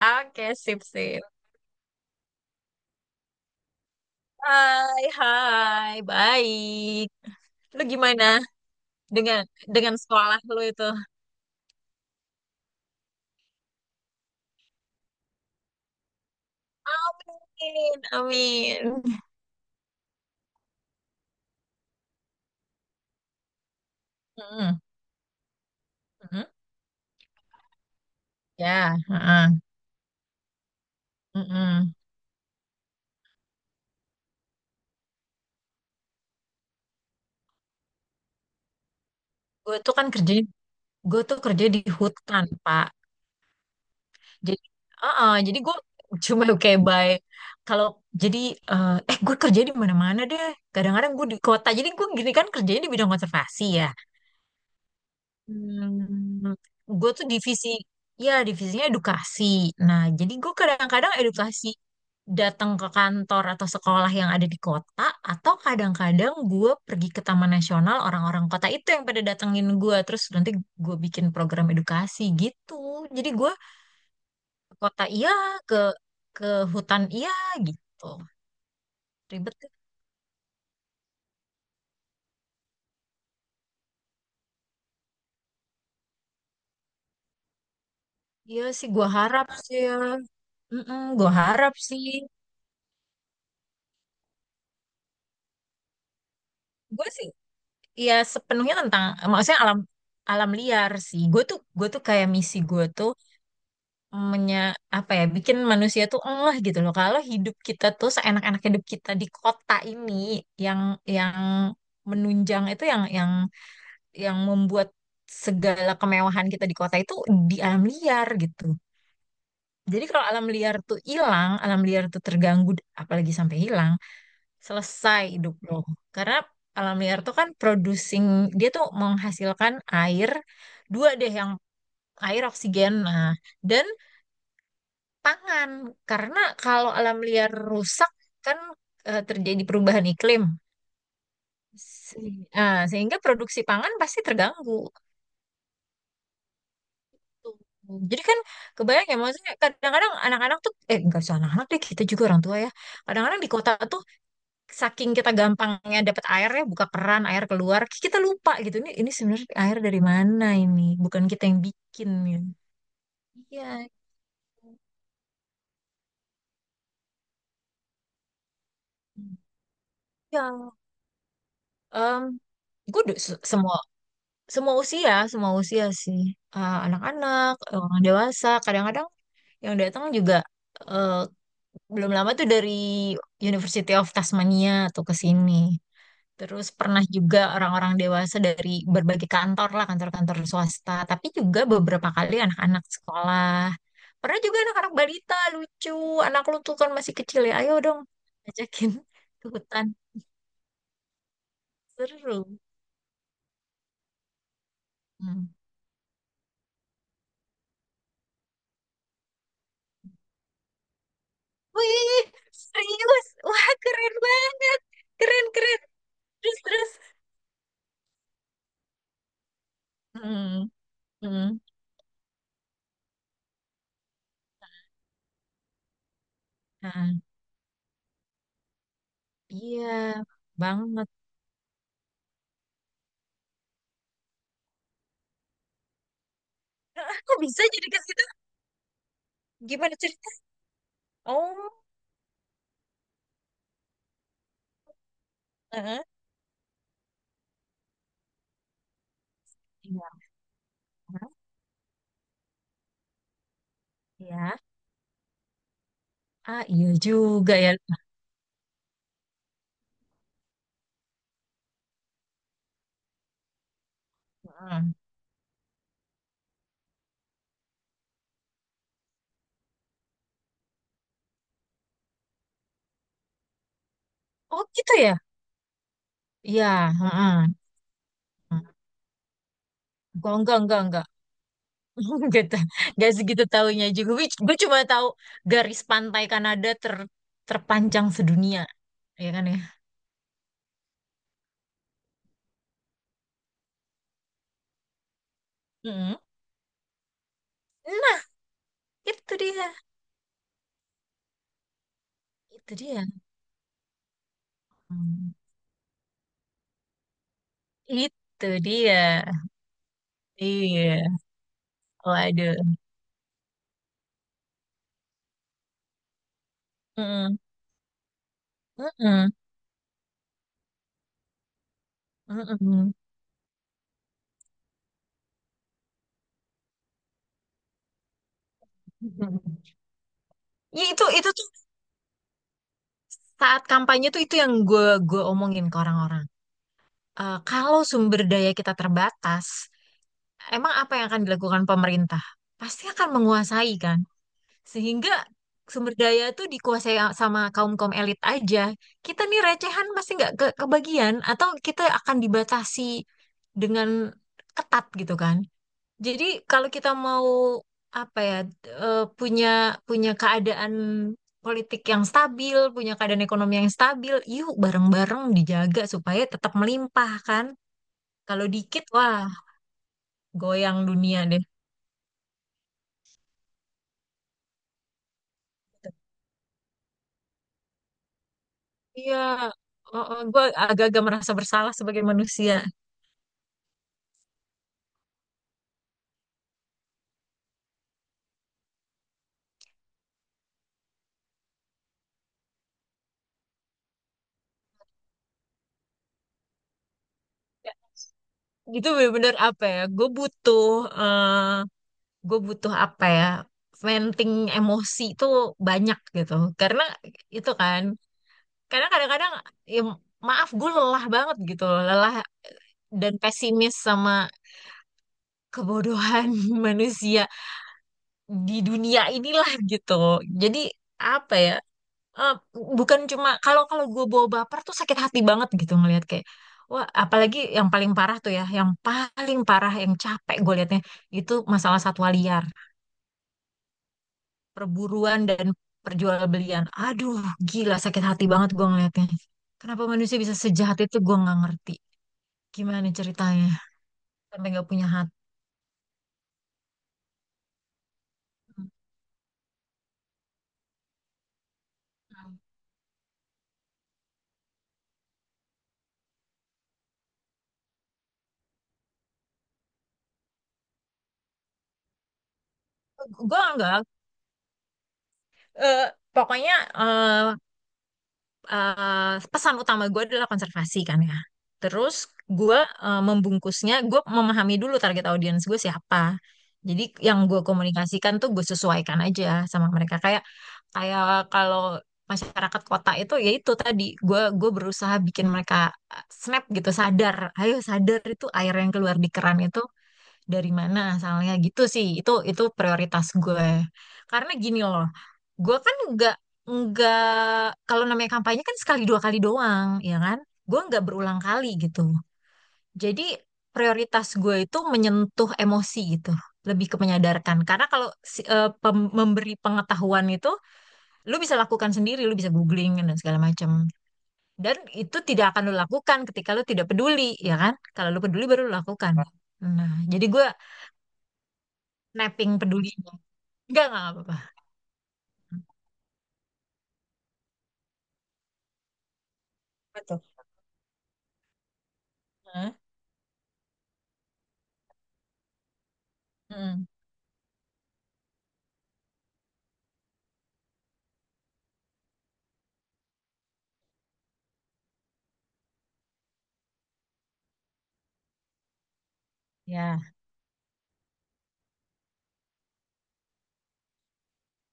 Oke, sip, sip. Hai, hai, baik. Lu gimana dengan dengan sekolah lu itu? Amin, amin. Mm-mm, mm-mm. Ya, heeh, mm-mm. Gue tuh kan kerja, gue tuh kerja di hutan, Pak. Jadi, heeh, jadi gue cuma kayak by. Kalau jadi, eh, eh Gue kerja di mana-mana deh. Kadang-kadang gue di kota. Jadi gue gini kan kerjanya di bidang konservasi ya. Hmm, gue tuh divisi, ya divisinya edukasi. Nah, jadi gue kadang-kadang edukasi datang ke kantor atau sekolah yang ada di kota, atau kadang-kadang gue pergi ke Taman Nasional, orang-orang kota itu yang pada datengin gue, terus nanti gue bikin program edukasi gitu. Jadi gue ke kota iya, ke ke hutan iya gitu. Ribet, ya. Iya sih, gue harap sih ya. Mm-mm, gue harap sih. Gue sih Iya sepenuhnya tentang maksudnya alam alam liar sih. Gue tuh kayak misi gue tuh menya apa ya bikin manusia tuh enggak gitu loh. Kalau hidup kita tuh seenak-enak hidup kita di kota ini, yang yang menunjang itu, yang membuat segala kemewahan kita di kota itu di alam liar gitu. Jadi kalau alam liar tuh hilang, alam liar tuh terganggu, apalagi sampai hilang, selesai hidup lo. Karena alam liar tuh kan producing, dia tuh menghasilkan air, dua deh yang air oksigen, nah, dan pangan. Karena kalau alam liar rusak kan, terjadi perubahan iklim. Se- Sehingga produksi pangan pasti terganggu. Tuh. Jadi kan kebayang ya, maksudnya kadang-kadang anak-anak tuh, nggak usah anak-anak deh, kita juga orang tua ya. Kadang-kadang di kota tuh saking kita gampangnya dapat air, ya buka keran air keluar, kita lupa gitu, ini sebenarnya air dari mana, ini bukan kita yang bikin ya. Iya, ya. em gue udah se- semua semua usia, semua usia sih. Anak-anak, orang dewasa kadang-kadang yang datang juga, eh, belum lama tuh dari University of Tasmania tuh ke sini. Terus pernah juga orang-orang dewasa dari berbagai kantor lah, kantor-kantor swasta, tapi juga beberapa kali anak-anak sekolah. Pernah juga anak-anak balita, lucu. Anak lu tuh kan masih kecil ya, ayo dong ajakin ke hutan. Seru. Hmm. Wih, serius? Wah, keren banget. Keren, keren. Terus, terus. Hmm, hmm. Nah, iya, banget. Aku bisa jadi ke situ? Gimana cerita? Oh, eh, iya, ya. Ah, iya juga ya. Heeh. Oh, gitu ya? Iya, heeh. Gua enggak, enggak. Enggak, enggak segitu taunya juga. Gue cuma tahu garis pantai Kanada terpanjang sedunia, ya kan ya? Mm-mm. Nah, itu dia. Itu dia. Hmm. Itu dia. Iya. Waduh. Mm-mm. Mm-mm. Mm-mm. Ya, itu tuh saat kampanye tuh, itu yang gue omongin ke orang-orang. Kalau sumber daya kita terbatas, emang apa yang akan dilakukan pemerintah? Pasti akan menguasai kan? Sehingga sumber daya itu dikuasai sama kaum-kaum elit aja. Kita nih recehan pasti nggak ke kebagian, atau kita akan dibatasi dengan ketat gitu kan. Jadi kalau kita mau apa ya, punya punya keadaan politik yang stabil, punya keadaan ekonomi yang stabil, yuk bareng-bareng dijaga supaya tetap melimpah kan. Kalau dikit, wah, goyang dunia deh. Iya, oh, oh, gue agak-agak merasa bersalah sebagai manusia. Ya, itu bener-bener apa ya? Gue butuh apa ya? Venting emosi itu banyak gitu. Karena itu kan, karena kadang-kadang, ya, maaf gue lelah banget gitu loh, lelah dan pesimis sama kebodohan manusia di dunia inilah gitu. Jadi apa ya? eh, Bukan cuma, kalau kalau gue bawa baper tuh sakit hati banget gitu ngelihat, kayak wah, apalagi yang paling parah tuh ya, yang paling parah yang capek gue liatnya itu masalah satwa liar, perburuan dan perjualbelian, aduh, gila, sakit hati banget gue ngeliatnya, kenapa manusia bisa sejahat itu, gue nggak ngerti gimana ceritanya sampai nggak punya hati. Gue nggak eh, Pokoknya, eh, pesan utama gue adalah konservasi kan ya. Terus gue, membungkusnya, gue memahami dulu target audiens gue siapa. Jadi yang gue komunikasikan tuh gue sesuaikan aja sama mereka. Kayak kayak kalau masyarakat kota itu, ya itu tadi, gue berusaha bikin mereka, snap gitu, sadar. Ayo sadar, itu air yang keluar di keran itu dari mana asalnya, gitu sih, itu prioritas gue. Karena gini loh, gue kan nggak kalau namanya kampanye kan sekali dua kali doang ya kan, gue nggak berulang kali gitu. Jadi prioritas gue itu menyentuh emosi gitu, lebih ke menyadarkan, karena kalau memberi pengetahuan itu, lu bisa lakukan sendiri, lu bisa googling dan segala macam, dan itu tidak akan lu lakukan ketika lu tidak peduli. Ya kan? Kalau lu peduli baru lu lakukan. Nah, jadi gue napping peduli. Enggak apa-apa. Apa tuh? Hah? Mm, ya,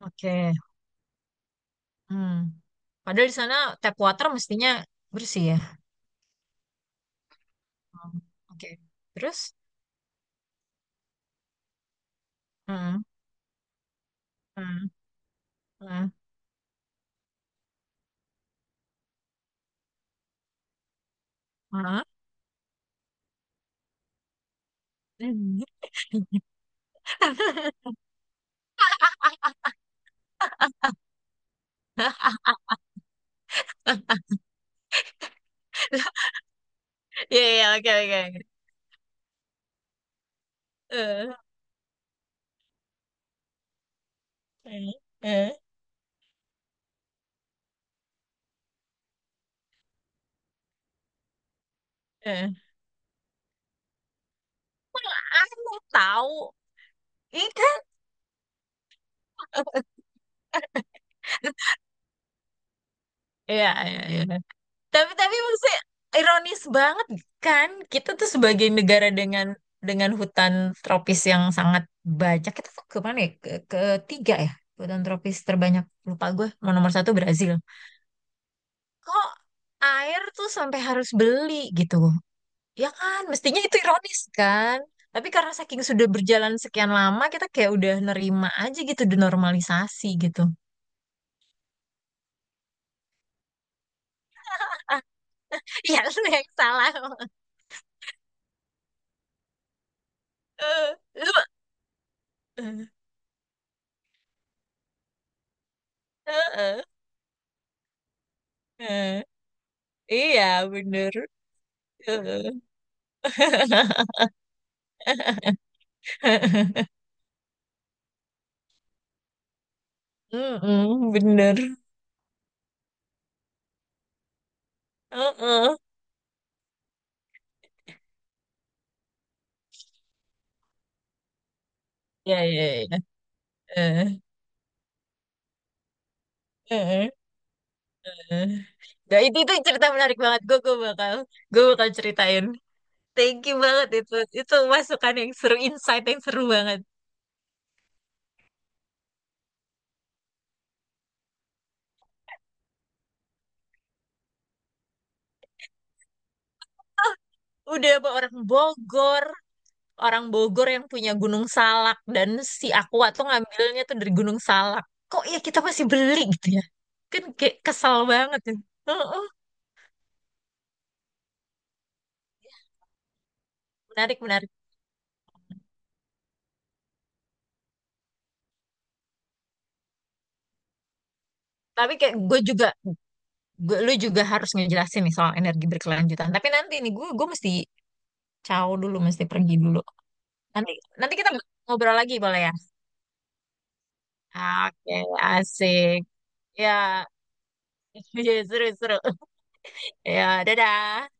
oke. Hmm. Padahal di sana tap water mestinya bersih ya. Hmm, oke. Terus? Hmm, hmm, hmm, hmm. Iya, iya, oke, oke, oke. Eh, eh, eh, eh. Mana aku tahu. Iya, iya, iya, iya. Tapi maksudnya ironis banget kan, kita tuh sebagai negara dengan hutan tropis yang sangat banyak, kita tuh kemana ya, ketiga ya, hutan tropis terbanyak, lupa gue, mau nomor satu Brazil. Kok air tuh sampai harus beli gitu, ya kan, mestinya itu ironis kan, tapi karena saking sudah berjalan sekian lama, kita kayak udah nerima aja gitu, denormalisasi gitu. Ya lu yang salah. Eh, lu eh, eh, eh. Iya, bener. Heeh. Mm-mm, bener. Heeh. Ya, ya, ya. Eh, eh, eh, eh. Nah, itu cerita menarik banget. Gue bakal ceritain. Thank you banget itu. Itu masukan yang seru, insight yang seru banget. Udah apa orang Bogor, Orang Bogor yang punya Gunung Salak, dan si Aqua tuh ngambilnya tuh dari Gunung Salak. Kok ya kita masih beli gitu ya? Kan kayak kesel banget, ya. Heeh. Menarik, menarik. Tapi kayak gue juga, lu juga harus ngejelasin nih soal energi berkelanjutan. Tapi nanti nih gue mesti caw dulu, mesti pergi dulu. Nanti, nanti kita ngobrol lagi boleh ya? Oke, asik. Ya, seru, seru. Ya, dadah.